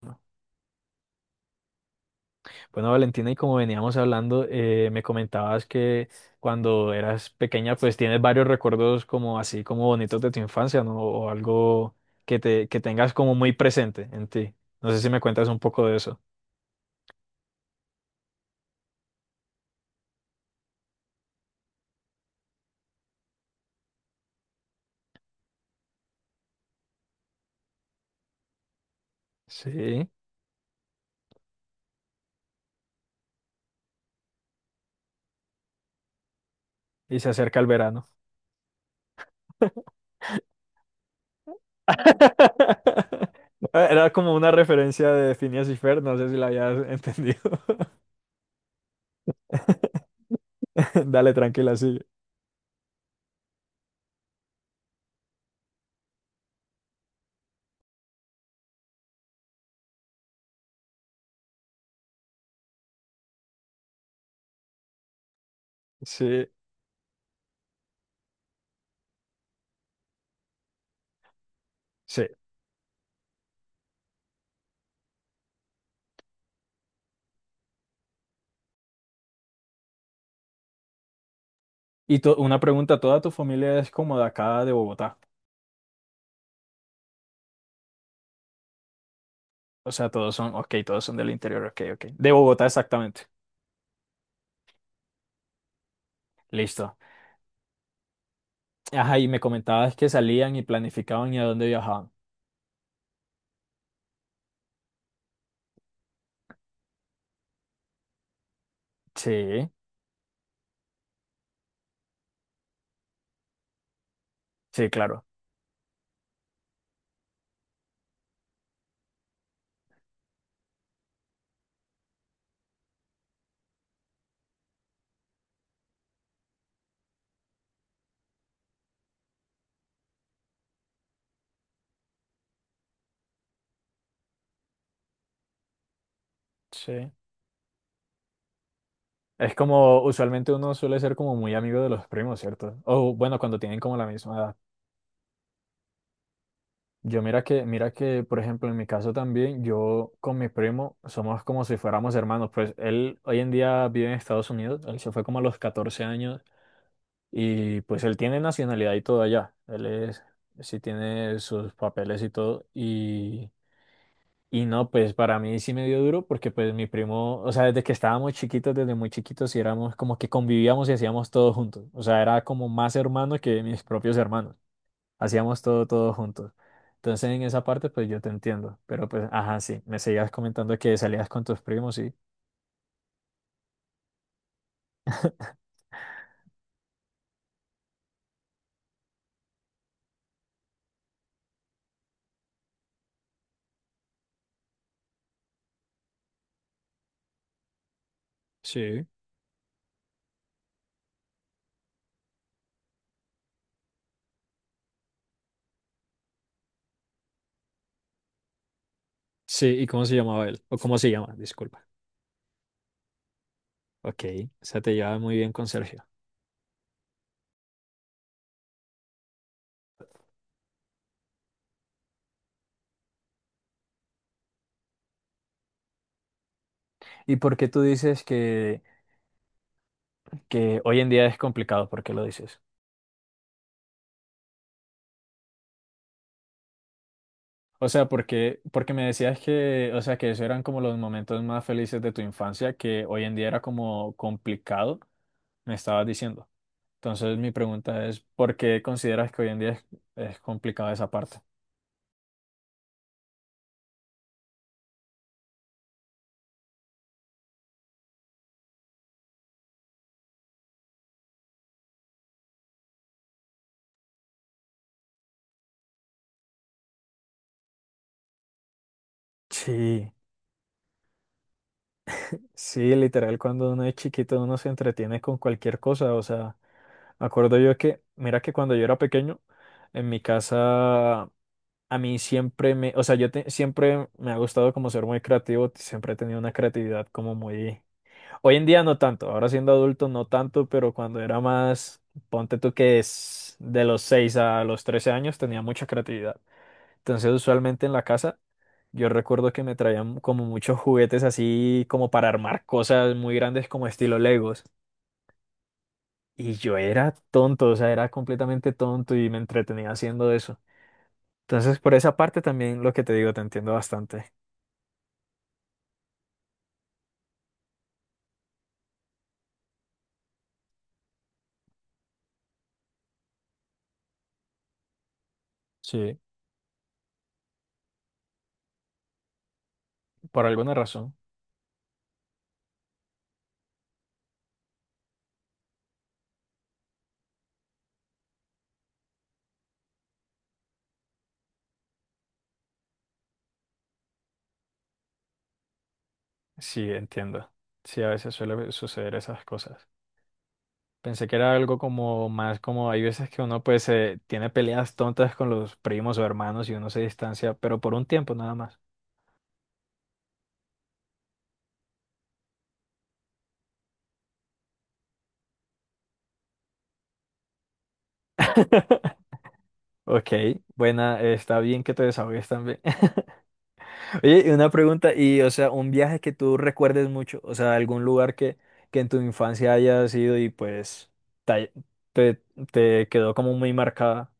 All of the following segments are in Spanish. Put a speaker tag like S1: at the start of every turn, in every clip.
S1: Bueno, Valentina, y como veníamos hablando, me comentabas que cuando eras pequeña, pues tienes varios recuerdos como así, como bonitos de tu infancia, ¿no? O algo que tengas como muy presente en ti. No sé si me cuentas un poco de eso. Sí, y se acerca el verano. Era como una referencia de Phineas y Fer, no sé si la habías entendido. Dale, tranquila, sigue. Sí, sí. Una pregunta, ¿toda tu familia es como de acá de Bogotá? O sea, todos son, ok, todos son del interior, ok, ok. De Bogotá, exactamente. Listo. Ajá, y me comentabas que salían y planificaban y a dónde viajaban. Sí, sí, claro. Sí. Es como, usualmente uno suele ser como muy amigo de los primos, ¿cierto? O bueno, cuando tienen como la misma edad. Yo mira que, por ejemplo, en mi caso también, yo con mi primo somos como si fuéramos hermanos. Pues él hoy en día vive en Estados Unidos, él se fue como a los 14 años. Y pues él tiene nacionalidad y todo allá. Él es, sí tiene sus papeles y todo. Y no, pues para mí sí me dio duro porque pues mi primo, o sea, desde que estábamos chiquitos, desde muy chiquitos, sí éramos como que convivíamos y hacíamos todo juntos. O sea, era como más hermano que mis propios hermanos. Hacíamos todo juntos. Entonces en esa parte pues yo te entiendo. Pero pues, ajá, sí, me seguías comentando que salías con tus primos, sí. Sí. Sí, ¿y cómo se llamaba él? ¿O cómo se llama? Disculpa. Ok, o sea, te llevaba muy bien con Sergio. ¿Y por qué tú dices que hoy en día es complicado? ¿Por qué lo dices? O sea, porque, porque me decías que, o sea, que esos eran como los momentos más felices de tu infancia, que hoy en día era como complicado, me estabas diciendo. Entonces, mi pregunta es, ¿por qué consideras que hoy en día es complicada esa parte? Sí, sí, literal, cuando uno es chiquito uno se entretiene con cualquier cosa, o sea, me acuerdo yo que, mira que cuando yo era pequeño, en mi casa a mí siempre me, o sea, siempre me ha gustado como ser muy creativo, siempre he tenido una creatividad como muy... Hoy en día no tanto, ahora siendo adulto no tanto, pero cuando era más, ponte tú que es de los 6 a los 13 años, tenía mucha creatividad. Entonces usualmente en la casa yo recuerdo que me traían como muchos juguetes así como para armar cosas muy grandes como estilo Legos. Y yo era tonto, o sea, era completamente tonto y me entretenía haciendo eso. Entonces por esa parte también lo que te digo te entiendo bastante. Sí, por alguna razón. Sí, entiendo. Sí, a veces suele suceder esas cosas. Pensé que era algo como más como hay veces que uno pues tiene peleas tontas con los primos o hermanos y uno se distancia, pero por un tiempo nada más. Ok, buena, está bien que te desahogues también. Oye, y una pregunta, y o sea, un viaje que tú recuerdes mucho, o sea, algún lugar que en tu infancia hayas ido y pues te, te te quedó como muy marcada.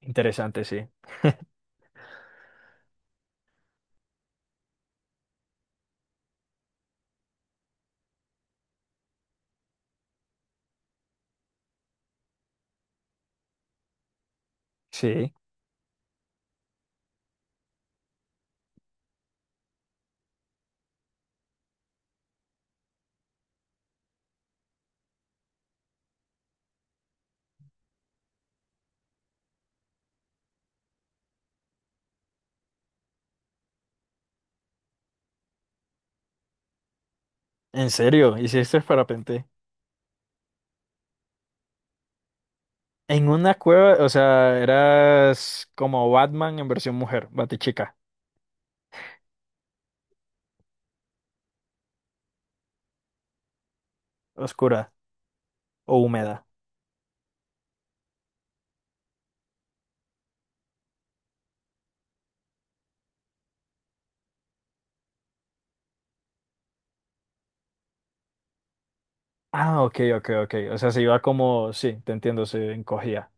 S1: Interesante, sí. Sí. ¿En serio? ¿Hiciste parapente? En una cueva, o sea, eras como Batman en versión mujer, Batichica, oscura o húmeda. Ah, ok, ok, ok. O sea, se iba como, sí, te entiendo, se encogía.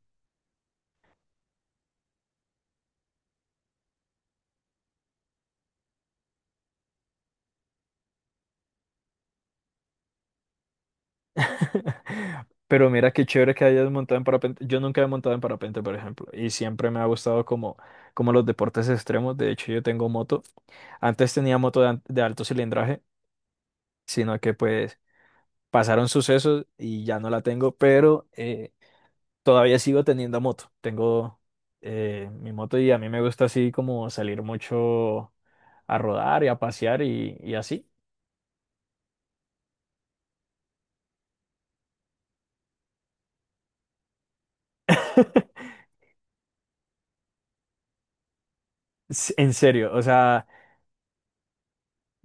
S1: Pero mira qué chévere que hayas montado en parapente. Yo nunca he montado en parapente, por ejemplo, y siempre me ha gustado como, como los deportes extremos. De hecho, yo tengo moto. Antes tenía moto de alto cilindraje, sino que pues pasaron sucesos y ya no la tengo, pero todavía sigo teniendo moto. Tengo mi moto y a mí me gusta así como salir mucho a rodar y a pasear y así. En serio, o sea,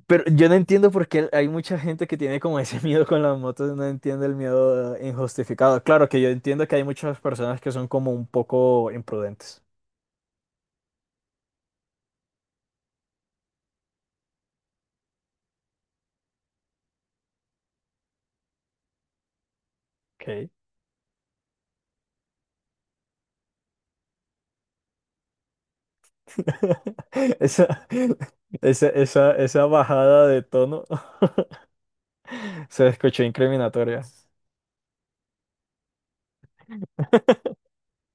S1: pero yo no entiendo por qué hay mucha gente que tiene como ese miedo con las motos, no entiendo el miedo injustificado. Claro que yo entiendo que hay muchas personas que son como un poco imprudentes. Ok. Esa, esa bajada de tono se escuchó incriminatoria.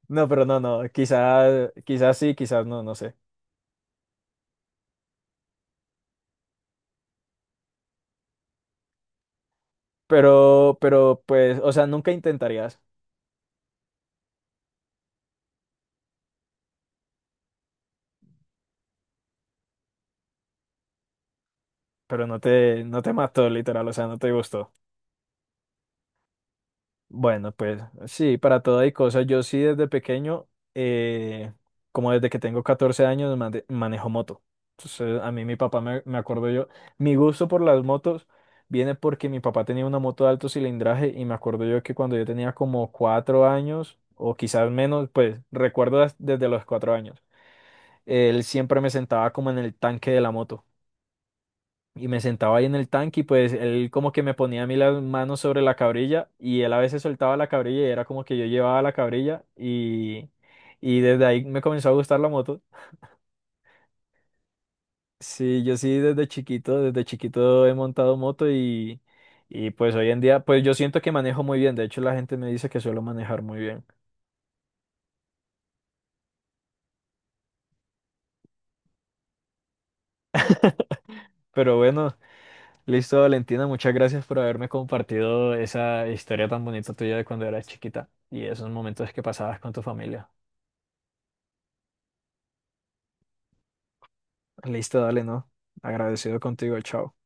S1: No, pero no, no, quizás, quizás sí, quizás no, no sé. Pero pues, o sea, nunca intentarías, pero no te mató, literal, o sea, no te gustó. Bueno, pues sí, para todo hay cosas. Yo sí desde pequeño, eh, como desde que tengo 14 años, manejo moto. Entonces, a mí mi papá, me acuerdo yo, mi gusto por las motos viene porque mi papá tenía una moto de alto cilindraje y me acuerdo yo que cuando yo tenía como 4 años o quizás menos, pues recuerdo desde los 4 años. Él siempre me sentaba como en el tanque de la moto. Y me sentaba ahí en el tanque y pues él como que me ponía a mí las manos sobre la cabrilla y él a veces soltaba la cabrilla y era como que yo llevaba la cabrilla y desde ahí me comenzó a gustar la moto. Sí, yo sí desde chiquito he montado moto y pues hoy en día pues yo siento que manejo muy bien. De hecho la gente me dice que suelo manejar muy bien. Pero bueno. Listo, Valentina, muchas gracias por haberme compartido esa historia tan bonita tuya de cuando eras chiquita y esos momentos que pasabas con tu familia. Listo, dale, ¿no? Agradecido contigo, chao.